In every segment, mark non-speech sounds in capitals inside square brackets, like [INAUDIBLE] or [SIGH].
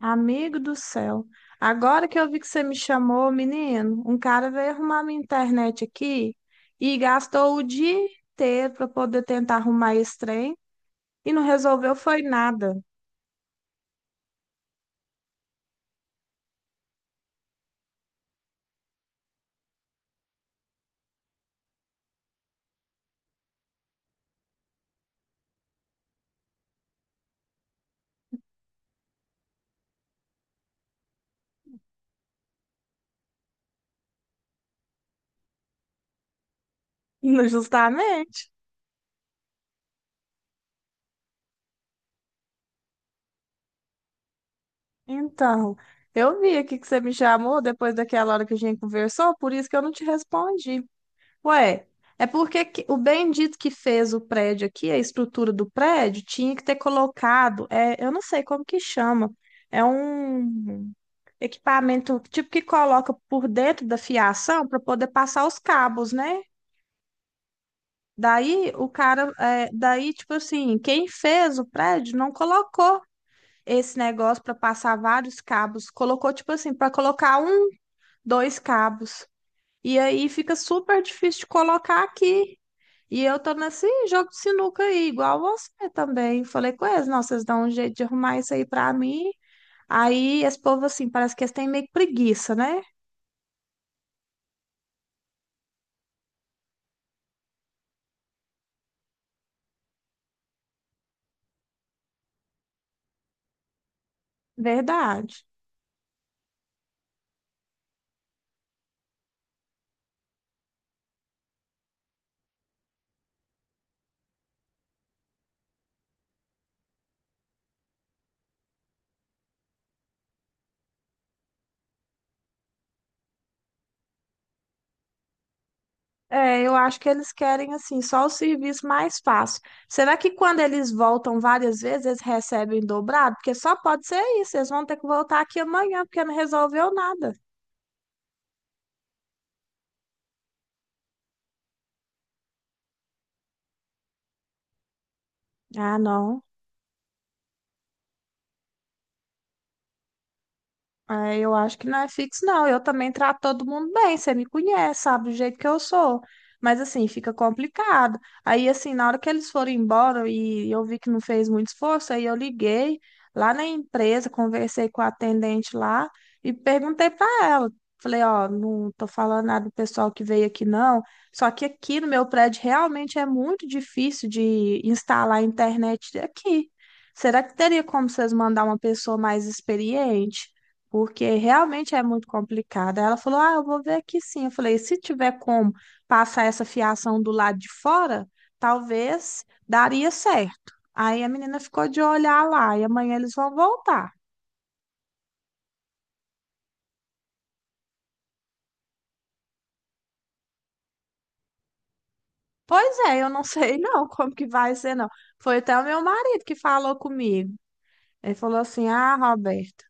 Amigo do céu, agora que eu vi que você me chamou, menino, um cara veio arrumar minha internet aqui e gastou o dia inteiro para poder tentar arrumar esse trem e não resolveu foi nada. [LAUGHS] Não, justamente. Então, eu vi aqui que você me chamou depois daquela hora que a gente conversou, por isso que eu não te respondi. Ué, é o bendito que fez o prédio aqui, a estrutura do prédio, tinha que ter colocado, eu não sei como que chama. É um equipamento tipo que coloca por dentro da fiação para poder passar os cabos, né? Daí o cara, daí tipo assim, quem fez o prédio não colocou esse negócio para passar vários cabos, colocou tipo assim para colocar um, dois cabos. E aí fica super difícil de colocar aqui. E eu tô nesse jogo de sinuca aí, igual você também. Falei com eles, não, vocês dão um jeito de arrumar isso aí para mim. Aí esse povo assim, parece que eles têm meio que preguiça, né? Verdade. É, eu acho que eles querem assim só o serviço mais fácil. Será que quando eles voltam várias vezes, eles recebem dobrado? Porque só pode ser isso, eles vão ter que voltar aqui amanhã, porque não resolveu nada. Ah, não. É, eu acho que não é fixo, não. Eu também trato todo mundo bem, você me conhece, sabe do jeito que eu sou. Mas assim, fica complicado. Aí, assim, na hora que eles foram embora e eu vi que não fez muito esforço, aí eu liguei lá na empresa, conversei com a atendente lá e perguntei para ela. Falei, ó, não tô falando nada do pessoal que veio aqui, não. Só que aqui no meu prédio realmente é muito difícil de instalar a internet aqui. Será que teria como vocês mandar uma pessoa mais experiente? Porque realmente é muito complicada. Ela falou: Ah, eu vou ver aqui sim. Eu falei: Se tiver como passar essa fiação do lado de fora, talvez daria certo. Aí a menina ficou de olhar lá e amanhã eles vão voltar. Pois é, eu não [LAUGHS] sei não como que vai ser, não. Foi até o meu marido que falou comigo. Ele falou assim: Ah, Roberto,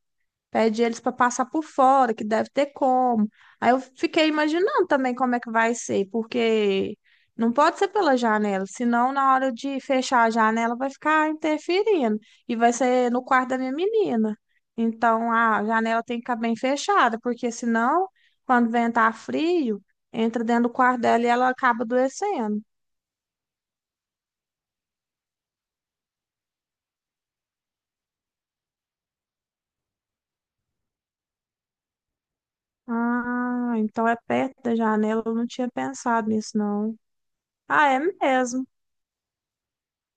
pede eles para passar por fora, que deve ter como. Aí eu fiquei imaginando também como é que vai ser, porque não pode ser pela janela, senão na hora de fechar a janela vai ficar interferindo e vai ser no quarto da minha menina. Então a janela tem que ficar bem fechada, porque senão quando ventar frio, entra dentro do quarto dela e ela acaba adoecendo. Ah, então é perto da janela, eu não tinha pensado nisso, não. Ah, é mesmo.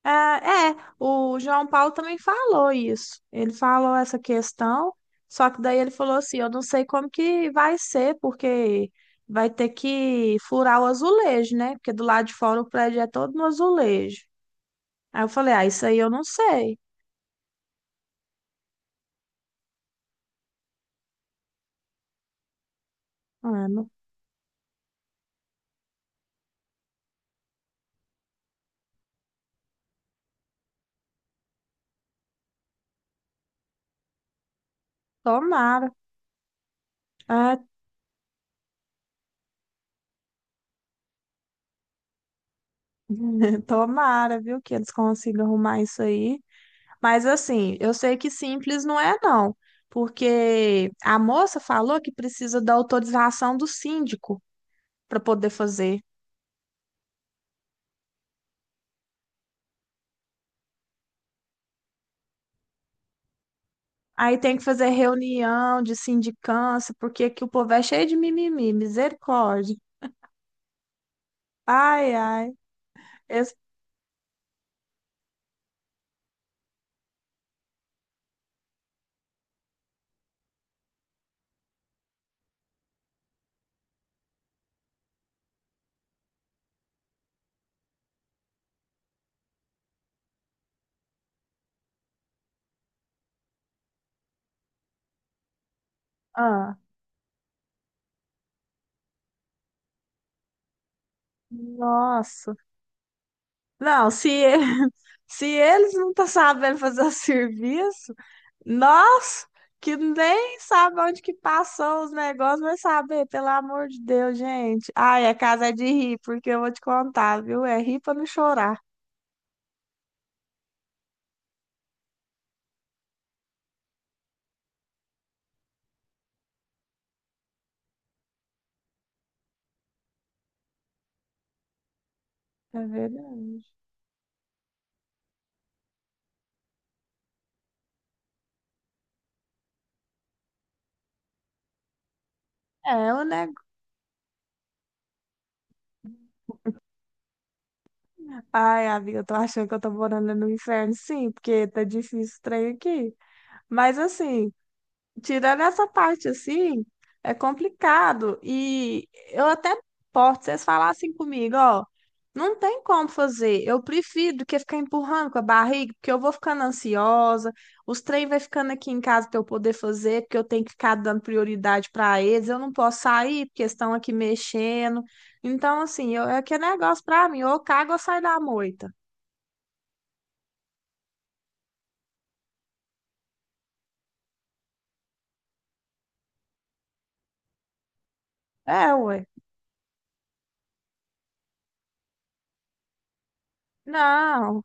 Ah, é, o João Paulo também falou isso. Ele falou essa questão, só que daí ele falou assim: eu não sei como que vai ser, porque vai ter que furar o azulejo, né? Porque do lado de fora o prédio é todo no azulejo. Aí eu falei: ah, isso aí eu não sei. Ah, não- Tomara. Ah, [LAUGHS] tomara, viu, que eles consigam arrumar isso aí. Mas assim, eu sei que simples não é, não. Porque a moça falou que precisa da autorização do síndico para poder fazer. Aí tem que fazer reunião de sindicância, porque aqui o povo é cheio de mimimi, misericórdia. Ai, ai. Esse- ah, nossa. Não, se, e- [LAUGHS] se eles não estão sabendo fazer o serviço, nós que nem sabe onde que passou os negócios, vai saber, pelo amor de Deus, gente. Ai, a casa é de rir, porque eu vou te contar, viu? É rir para não chorar. É verdade. É, o negócio. Ai, amiga, eu tô achando que eu tô morando no inferno, sim, porque tá difícil o trem aqui. Mas assim, tirando essa parte assim, é complicado. E eu até posso vocês falassem comigo, ó, não tem como fazer. Eu prefiro do que ficar empurrando com a barriga, porque eu vou ficando ansiosa, os trem vai ficando aqui em casa pra eu poder fazer, porque eu tenho que ficar dando prioridade pra eles, eu não posso sair, porque estão aqui mexendo. Então, assim, eu, é que é negócio pra mim, ou eu cago ou saio da moita. É, ué. Não.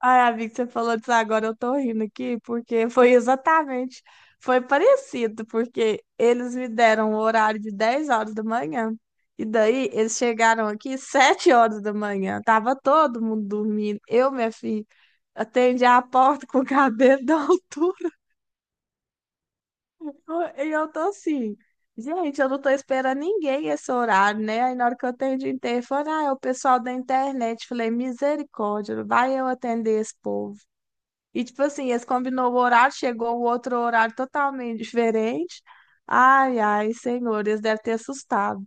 Ai, amigo, você falou disso agora, eu tô rindo aqui, porque foi exatamente, foi parecido, porque eles me deram o horário de 10 horas da manhã, e daí eles chegaram aqui 7 horas da manhã, tava todo mundo dormindo, eu, minha filha, atendi a porta [LAUGHS] com o cabelo da altura. E eu tô assim, gente, eu não tô esperando ninguém esse horário, né? Aí na hora que eu atendi o interfone, ah, é o pessoal da internet. Falei, misericórdia, vai eu atender esse povo. E tipo assim, eles combinou o horário, chegou o outro horário totalmente diferente. Ai, ai, senhor, eles devem ter assustado.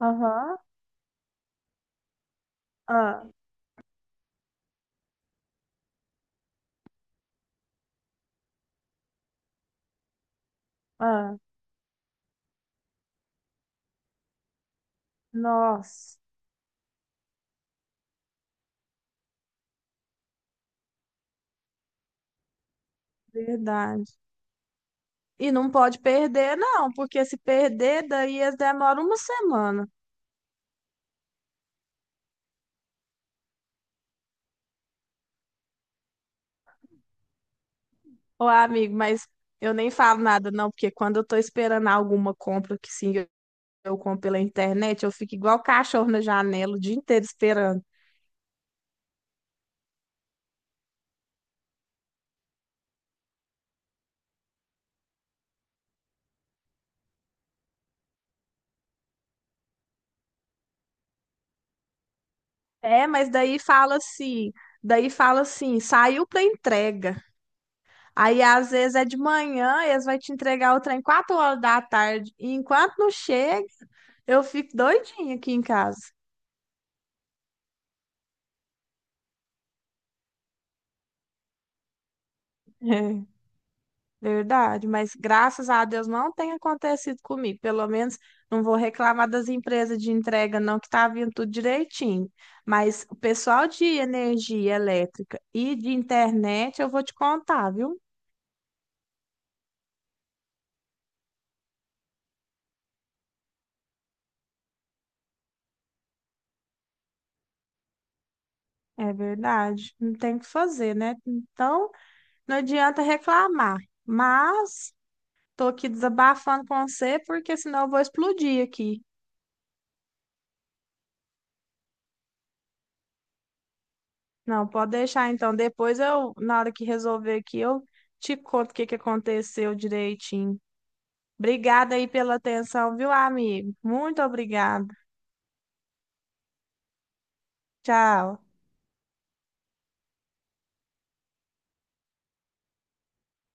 Aham, ah, ah, nossa, verdade. E não pode perder, não, porque se perder, daí eles demoram uma semana. Ô, amigo, mas eu nem falo nada, não, porque quando eu tô esperando alguma compra que sim, eu compro pela internet, eu fico igual cachorro na janela o dia inteiro esperando. É, mas daí fala assim, saiu pra entrega. Aí às vezes é de manhã, eles vão te entregar o trem 4 horas da tarde. E enquanto não chega, eu fico doidinha aqui em casa. [LAUGHS] Verdade, mas graças a Deus não tem acontecido comigo. Pelo menos não vou reclamar das empresas de entrega, não, que tá vindo tudo direitinho. Mas o pessoal de energia elétrica e de internet, eu vou te contar, viu? É verdade, não tem o que fazer, né? Então, não adianta reclamar. Mas tô aqui desabafando com você, porque senão eu vou explodir aqui. Não, pode deixar então. Depois eu, na hora que resolver aqui, eu te conto o que que aconteceu direitinho. Obrigada aí pela atenção, viu, amigo? Muito obrigada. Tchau.